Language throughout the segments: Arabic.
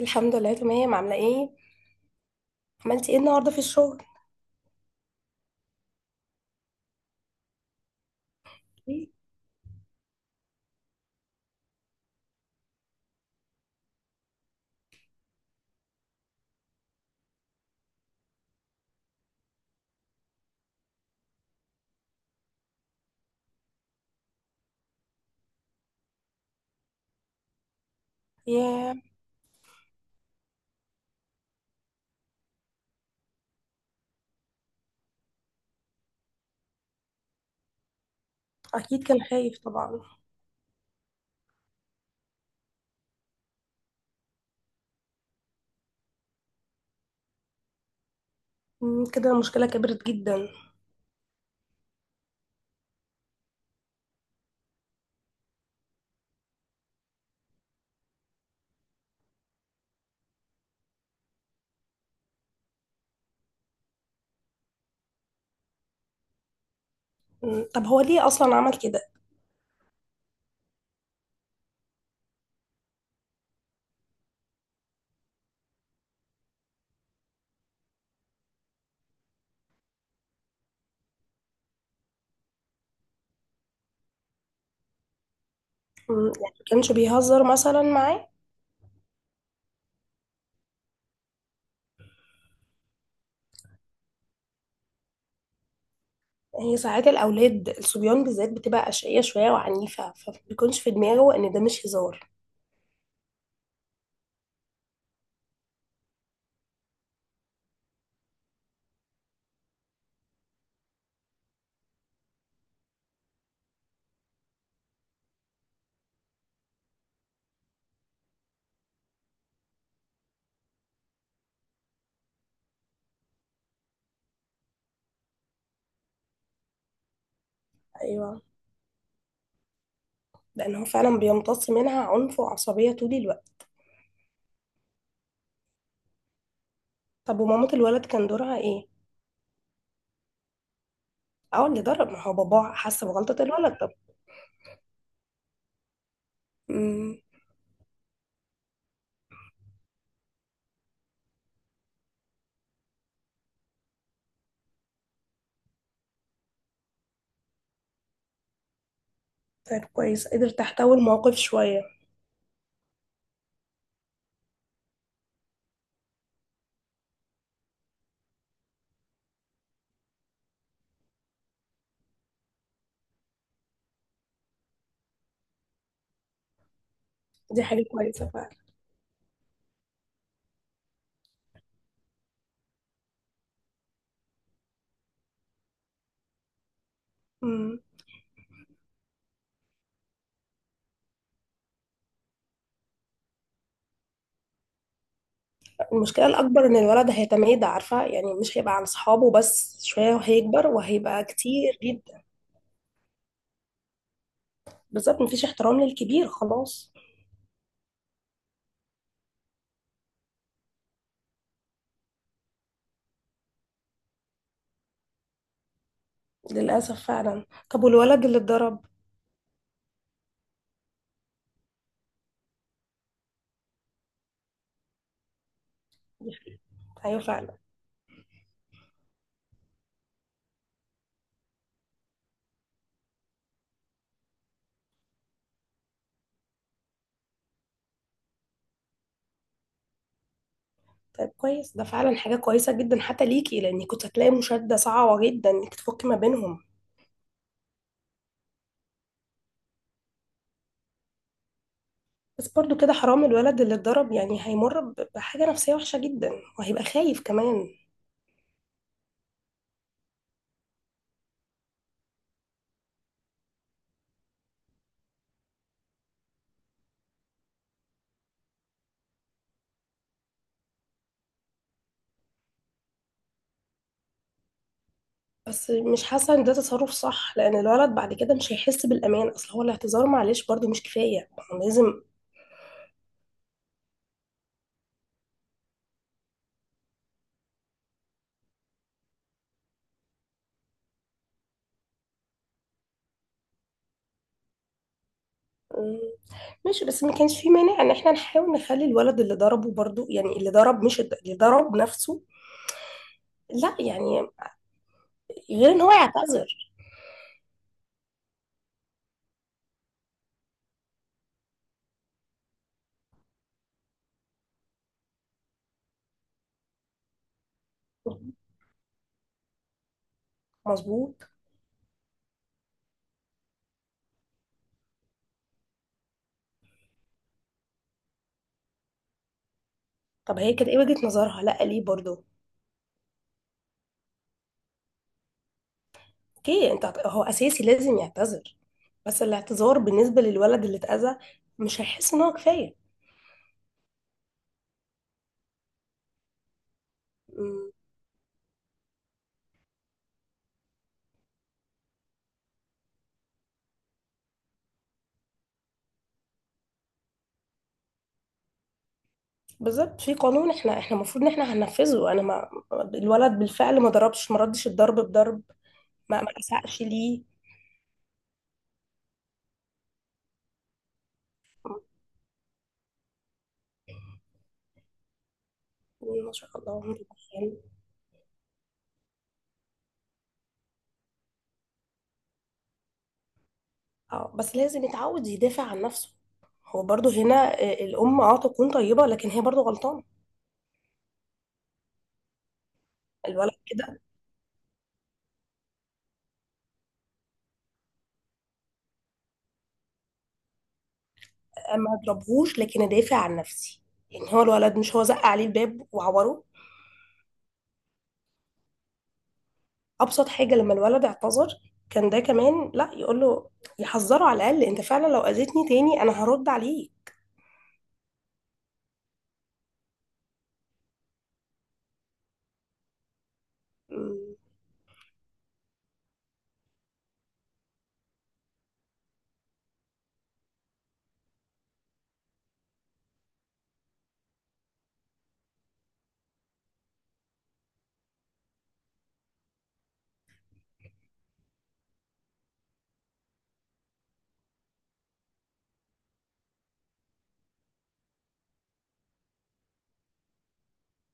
الحمد لله تمام. عاملة ايه؟ عملتي ايه النهاردة في الشغل؟ إيه؟ ياه. أكيد كان خايف طبعا. كده المشكلة كبرت جدا. طب هو ليه أصلا عمل كده؟ يعني كانش بيهزر مثلا معاه؟ هي ساعات الأولاد الصبيان بالذات بتبقى أشقية شوية وعنيفة، فمبيكونش في دماغه إن ده مش هزار. أيوه، لأن هو فعلا بيمتص منها عنف وعصبية طول الوقت. طب ومامة الولد كان دورها ايه؟ اه اللي ضرب، ما هو باباه حس بغلطة الولد. طب. مم، طيب كويس، قدر تحتوي الموقف شوية. دي حاجة كويسة فعلا. مم. المشكلة الأكبر إن الولد هيتميد، عارفة يعني؟ مش هيبقى عن صحابه بس، شوية وهيكبر وهيبقى كتير جدا. بالظبط، مفيش احترام للكبير خلاص. للأسف فعلا. طب والولد اللي اتضرب؟ أيوة فعلا. طيب كويس، ده فعلا حاجة كويسة جدا حتى ليكي، لأن كنت هتلاقي مشادة صعبة جدا إنك تفكي ما بينهم. بس برضو كده حرام الولد اللي اتضرب، يعني هيمر بحاجة نفسية وحشة جدا، وهيبقى خايف كمان. بس مش حاسه ان ده تصرف صح، لان الولد بعد كده مش هيحس بالامان، اصل هو الاعتذار معلش برضه مش كفايه، ما هو لازم. مم، ماشي، بس ما كانش في مانع ان احنا نحاول نخلي الولد اللي ضربه برضه، يعني اللي ضرب، مش اللي ضرب نفسه. لا يعني، غير ان هو يعتذر. مظبوط. طب هي كانت ايه وجهه نظرها؟ لا ليه برضه؟ اوكي، هو اساسي لازم يعتذر، بس الاعتذار بالنسبه للولد اللي اتاذى مش هيحس ان هو كفايه. بالظبط، في قانون احنا المفروض ان احنا هننفذه. انا ما، الولد بالفعل ما ضربش، ما ردش الضرب بضرب. ما ما اسقش ليه؟ ما شاء الله، عمره ما كان. اه بس لازم يتعود يدافع عن نفسه. هو برضه هنا، الام اه تكون طيبه، لكن هي برضه غلطانه. الولد كده، ما اضربهوش، لكن ادافع عن نفسي. يعني هو الولد، مش هو زق عليه الباب وعوره؟ ابسط حاجه لما الولد اعتذر كان ده كمان، لا يقول له، يحذره على الاقل، انت فعلا لو اذيتني تاني انا هرد عليك.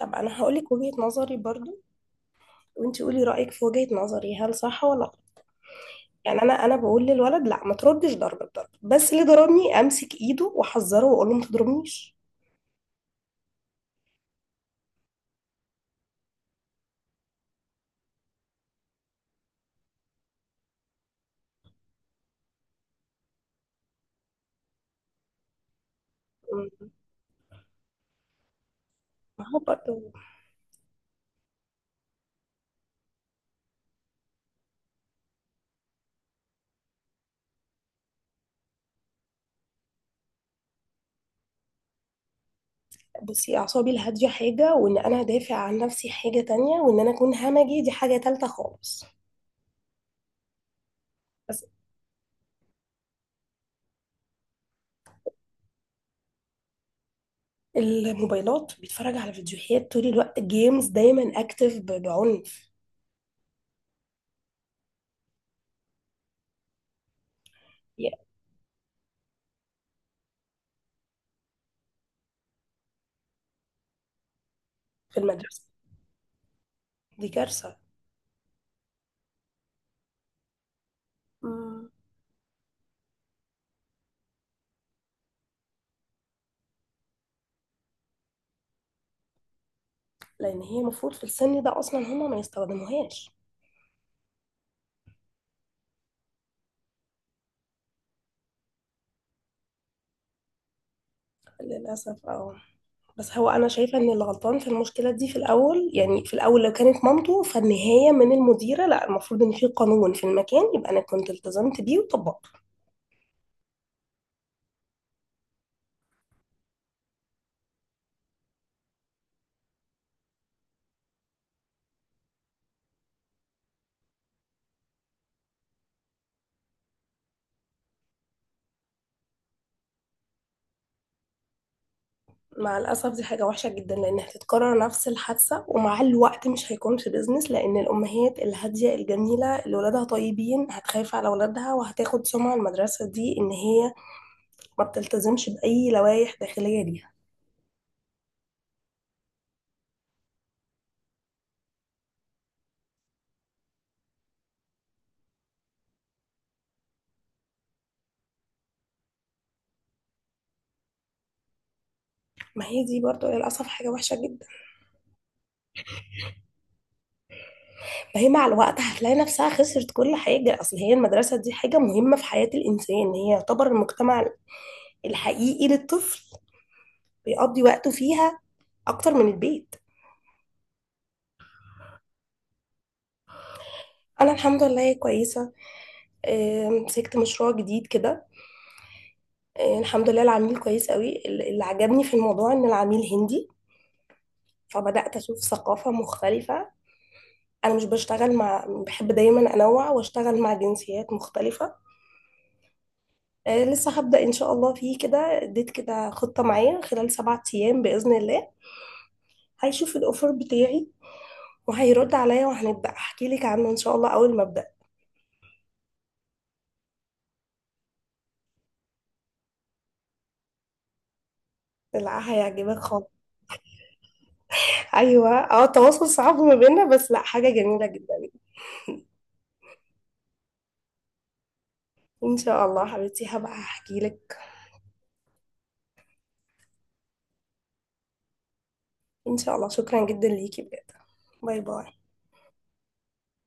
طب انا هقول لك وجهة نظري برضو، وانت قولي رأيك في وجهة نظري، هل صح ولا غلط؟ يعني انا بقول للولد لا ما تردش ضرب الضرب، بس اللي ضربني امسك ايده واحذره واقول له ما تضربنيش. م- ما هو برضو، بصي اعصابي الهادية حاجة، وان انا ادافع عن نفسي حاجة تانية، وان انا اكون همجي دي حاجة تالتة خالص. بس الموبايلات، بيتفرج على فيديوهات طول الوقت، جيمز دايما اكتف بعنف. يعني في المدرسة. دي كارثة. م. لان هي المفروض في السن ده اصلا هما ما يستخدموهاش. للأسف اه. بس هو أنا شايفة إن اللي غلطان في المشكلة دي في الأول، يعني في الأول لو كانت مامته فالنهاية، من المديرة. لا، المفروض إن في قانون في المكان يبقى أنا كنت التزمت بيه وطبقته. مع الأسف دي حاجة وحشة جدا، لأن هتتكرر نفس الحادثة، ومع الوقت مش هيكون في بيزنس، لأن الأمهات الهادية الجميلة اللي ولادها طيبين هتخاف على ولادها، وهتاخد سمعة المدرسة دي إن هي ما بتلتزمش بأي لوائح داخلية ليها. ما هي دي برضو للأسف حاجة وحشة جدا. فهي مع الوقت هتلاقي نفسها خسرت كل حاجة، أصل هي المدرسة دي حاجة مهمة في حياة الإنسان، هي يعتبر المجتمع الحقيقي للطفل، بيقضي وقته فيها أكتر من البيت. أنا الحمد لله كويسة. مسكت مشروع جديد كده. الحمد لله العميل كويس قوي. اللي عجبني في الموضوع إن العميل هندي، فبدأت أشوف ثقافة مختلفة. أنا مش بشتغل مع، بحب دايما أنوع وأشتغل مع جنسيات مختلفة. لسه هبدأ إن شاء الله فيه كده، اديت كده خطة معايا خلال 7 أيام بإذن الله. هيشوف الاوفر بتاعي وهيرد عليا، وهنبدا احكي لك عنه ان شاء الله اول ما ابدا. لا هيعجبك خالص. ايوه اه، التواصل صعب ما بيننا، بس لا حاجه جميله جدا. ان شاء الله حبيبتي هبقى احكي لك. ان شاء الله، شكرا جدا ليكي بجد. باي باي